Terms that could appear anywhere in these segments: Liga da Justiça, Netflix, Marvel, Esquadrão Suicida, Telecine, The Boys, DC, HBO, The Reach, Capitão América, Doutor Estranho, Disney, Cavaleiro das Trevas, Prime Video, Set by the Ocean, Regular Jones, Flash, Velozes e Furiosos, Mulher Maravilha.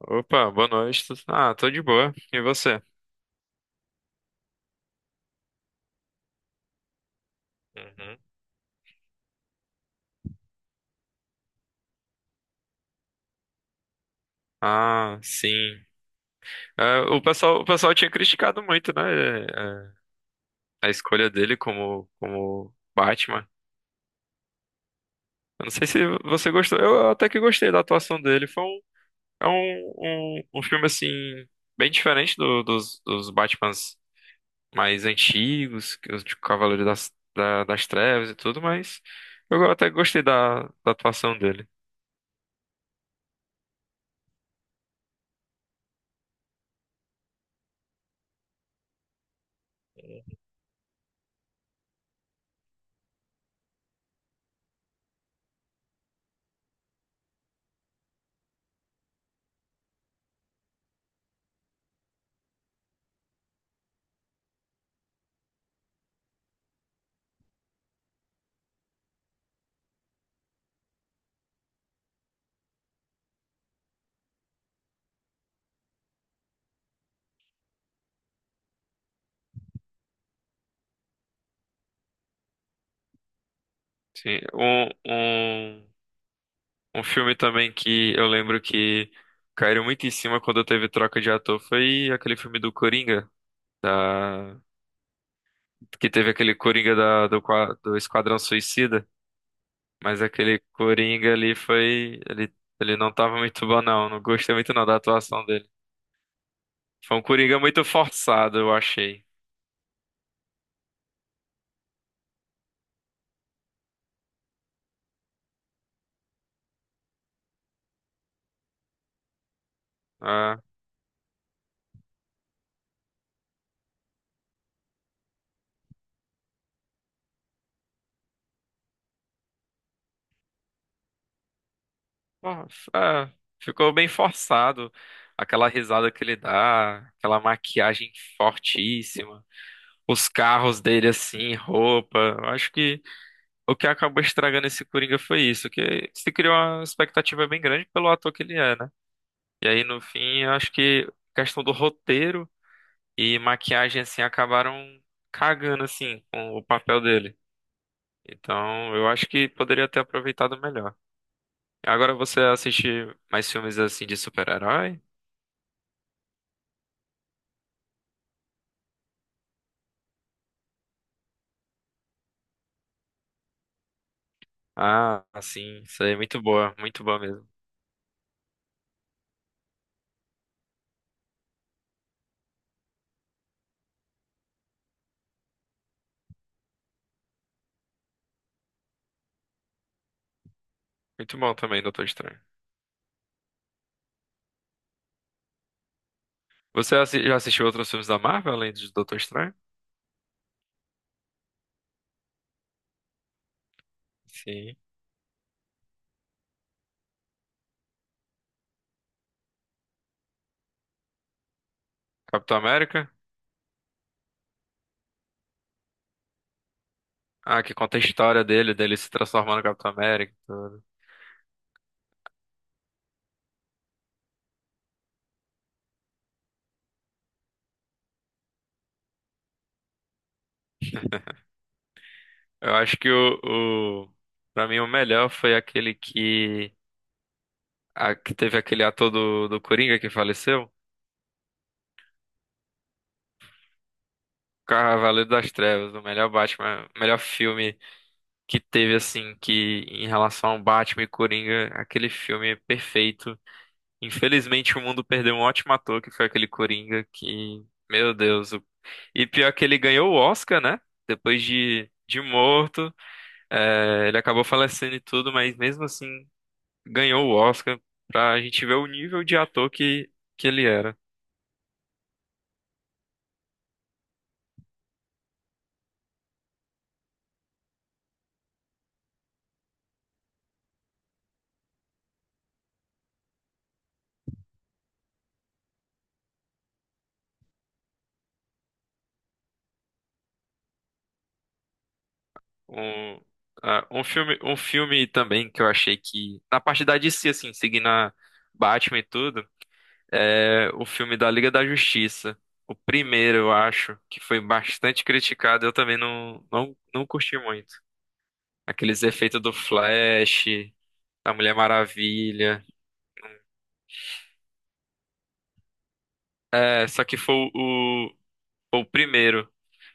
Opa, boa noite. Tô de boa. E você? Uhum. Ah, sim. É, o pessoal tinha criticado muito, né? é, a escolha dele como, como Batman. Eu não sei se você gostou. Eu até que gostei da atuação dele. Foi um, é um, um, Um filme, assim, bem diferente dos Batmans mais antigos, que os de Cavaleiro das Trevas e tudo, mas eu até gostei da atuação dele. Sim, um, um- Um filme também que eu lembro que caíram muito em cima quando teve troca de ator foi aquele filme do Coringa, da... que teve aquele Coringa do Esquadrão Suicida, mas aquele Coringa ali foi. Ele não tava muito bom, não. Não gostei muito não da atuação dele. Foi um Coringa muito forçado, eu achei. Ah, ó, f- ah, Ficou bem forçado. Aquela risada que ele dá, aquela maquiagem fortíssima. Os carros dele assim, roupa. Eu acho que o que acabou estragando esse Coringa foi isso, que se criou uma expectativa bem grande pelo ator que ele é, né? E aí no fim, eu acho que questão do roteiro e maquiagem assim acabaram cagando assim com o papel dele. Então, eu acho que poderia ter aproveitado melhor. Agora você assiste mais filmes assim de super-herói? Ah, sim. Isso aí é muito boa mesmo. Muito bom também, Doutor Estranho. Já assistiu outros filmes da Marvel além de Doutor Estranho? Sim. Capitão América? Ah, que conta a história dele, dele se transformando no Capitão América e tudo. Eu acho que o... Pra mim, o melhor foi aquele que... Que teve aquele ator do Coringa que faleceu. Cavaleiro das Trevas, o melhor Batman, o melhor filme que teve, assim, que em relação ao Batman e Coringa, aquele filme é perfeito. Infelizmente, o mundo perdeu um ótimo ator, que foi aquele Coringa, meu Deus. E pior que ele ganhou o Oscar, né? Depois de morto. É, ele acabou falecendo e tudo, mas mesmo assim ganhou o Oscar pra gente ver o nível de ator que ele era. Um, Um filme também que eu achei que, na parte da DC, assim, seguindo a Batman e tudo, é o filme da Liga da Justiça. O primeiro, eu acho, que foi bastante criticado, eu também não curti muito. Aqueles efeitos do Flash, da Mulher Maravilha. É, só que foi o primeiro.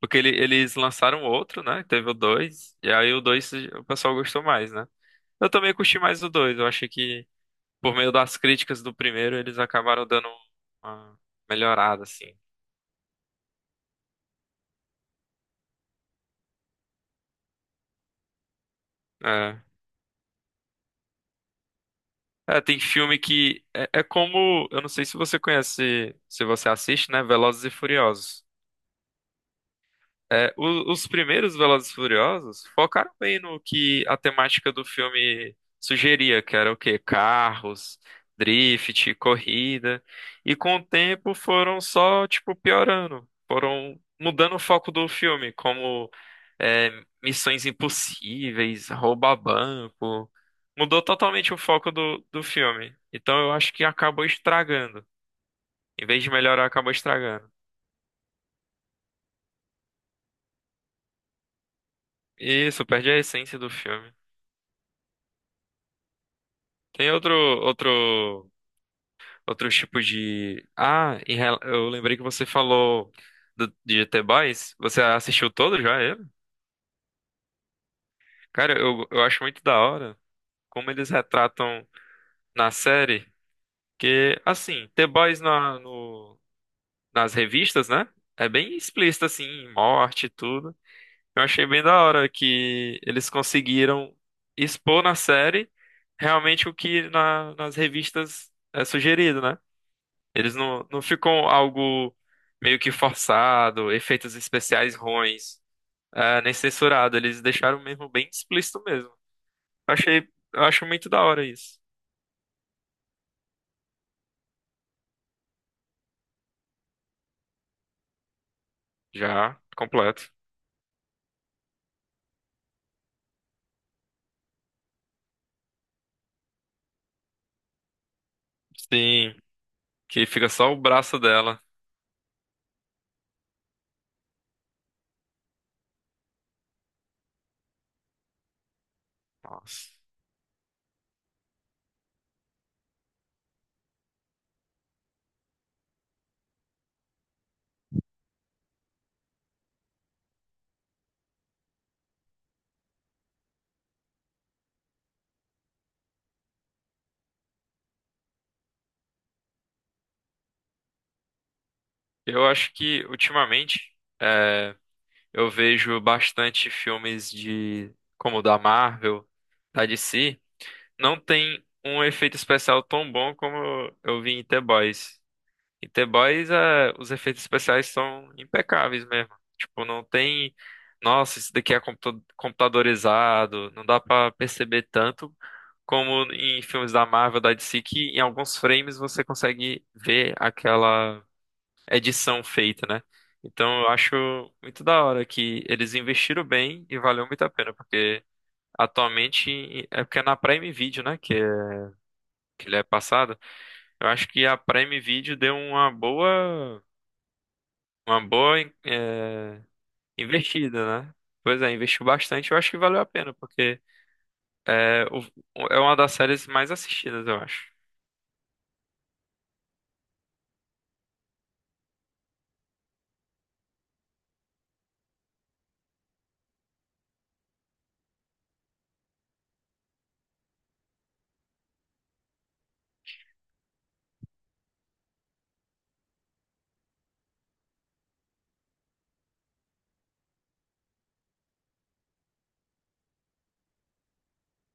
Porque eles lançaram outro, né? Teve o dois. E aí o 2 o pessoal gostou mais, né? Eu também curti mais o 2. Eu achei que, por meio das críticas do primeiro, eles acabaram dando uma melhorada, assim. É. É, tem filme que. É, é como. Eu não sei se você conhece, se você assiste, né? Velozes e Furiosos. É, os primeiros Velozes e Furiosos focaram bem no que a temática do filme sugeria, que era o quê? Carros, drift, corrida. E com o tempo foram só, tipo, piorando. Foram mudando o foco do filme, como é, missões impossíveis, roubar banco. Mudou totalmente o foco do filme. Então eu acho que acabou estragando. Em vez de melhorar, acabou estragando. Isso, perde a essência do filme. Tem outro, outro, outro tipo de. Eu lembrei que você falou de GT Boys. Você assistiu todo já ele? Cara, eu acho muito da hora como eles retratam na série. Que, assim, The Boys na, no, nas revistas, né? É bem explícito, assim, morte e tudo. Eu achei bem da hora que eles conseguiram expor na série realmente o que nas revistas é sugerido, né? Eles não ficam algo meio que forçado, efeitos especiais ruins, nem censurado. Eles deixaram mesmo bem explícito mesmo. Eu acho muito da hora isso. Já, completo. Sim, que fica só o braço dela. Nossa. Eu acho que ultimamente eu vejo bastante filmes de como o da Marvel, da DC. Não tem um efeito especial tão bom como eu vi em The Boys. E The Boys, é, os efeitos especiais são impecáveis mesmo. Tipo, não tem. Nossa, isso daqui é computadorizado. Não dá pra perceber tanto como em filmes da Marvel, da DC, que em alguns frames você consegue ver aquela edição feita, né? Então eu acho muito da hora que eles investiram bem e valeu muito a pena, porque atualmente é porque é na Prime Video, né? Que ele é passado. Eu acho que a Prime Video deu uma boa. Uma boa, eh, Investida, né? Pois é, investiu bastante, eu acho que valeu a pena, porque é, o- é uma das séries mais assistidas, eu acho.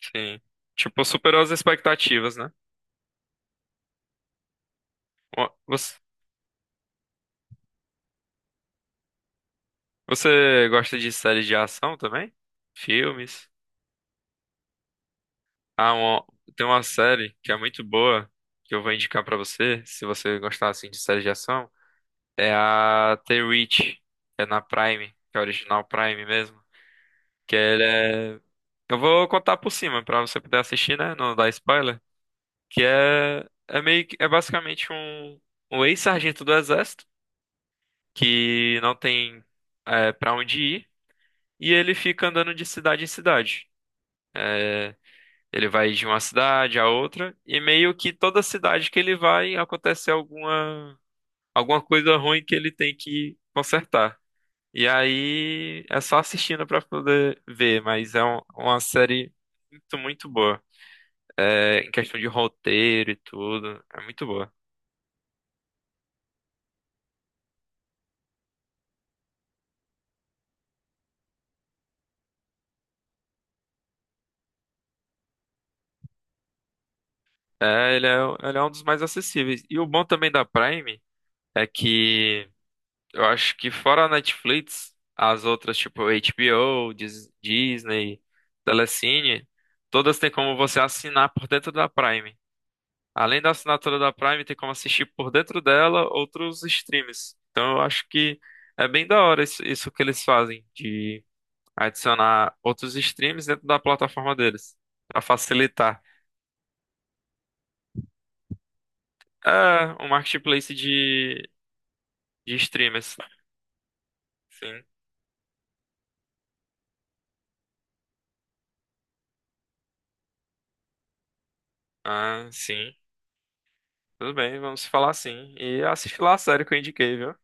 Sim. Tipo, superou as expectativas, né? Ó, Você, Você gosta de séries de ação também? Filmes? Ah, uma- Tem uma série que é muito boa, que eu vou indicar pra você, se você gostar assim de séries de ação, é a The Reach, que é na Prime, que é original Prime mesmo, que ela é. Eu vou contar por cima pra você poder assistir, né? Não dar spoiler. Que é, é meio que é basicamente um ex-sargento do exército que não tem para onde ir e ele fica andando de cidade em cidade. É, Ele vai de uma cidade a outra e meio que toda cidade que ele vai acontece alguma coisa ruim que ele tem que consertar. E aí é só assistindo pra poder ver, mas é uma série muito, muito boa. Em questão de roteiro e tudo. É muito boa. É, ele é, Ele é um dos mais acessíveis. E o bom também da Prime é que eu acho que fora a Netflix, as outras, tipo HBO, Disney, Telecine, todas têm como você assinar por dentro da Prime. Além da assinatura da Prime, tem como assistir por dentro dela outros streams. Então eu acho que é bem da hora isso, isso que eles fazem, de adicionar outros streams dentro da plataforma deles, para facilitar. Ah, um marketplace de streamers. Sim. Ah, sim. Tudo bem, vamos falar sim. E assiste lá a série que eu indiquei, viu?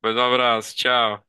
Pois um abraço, tchau.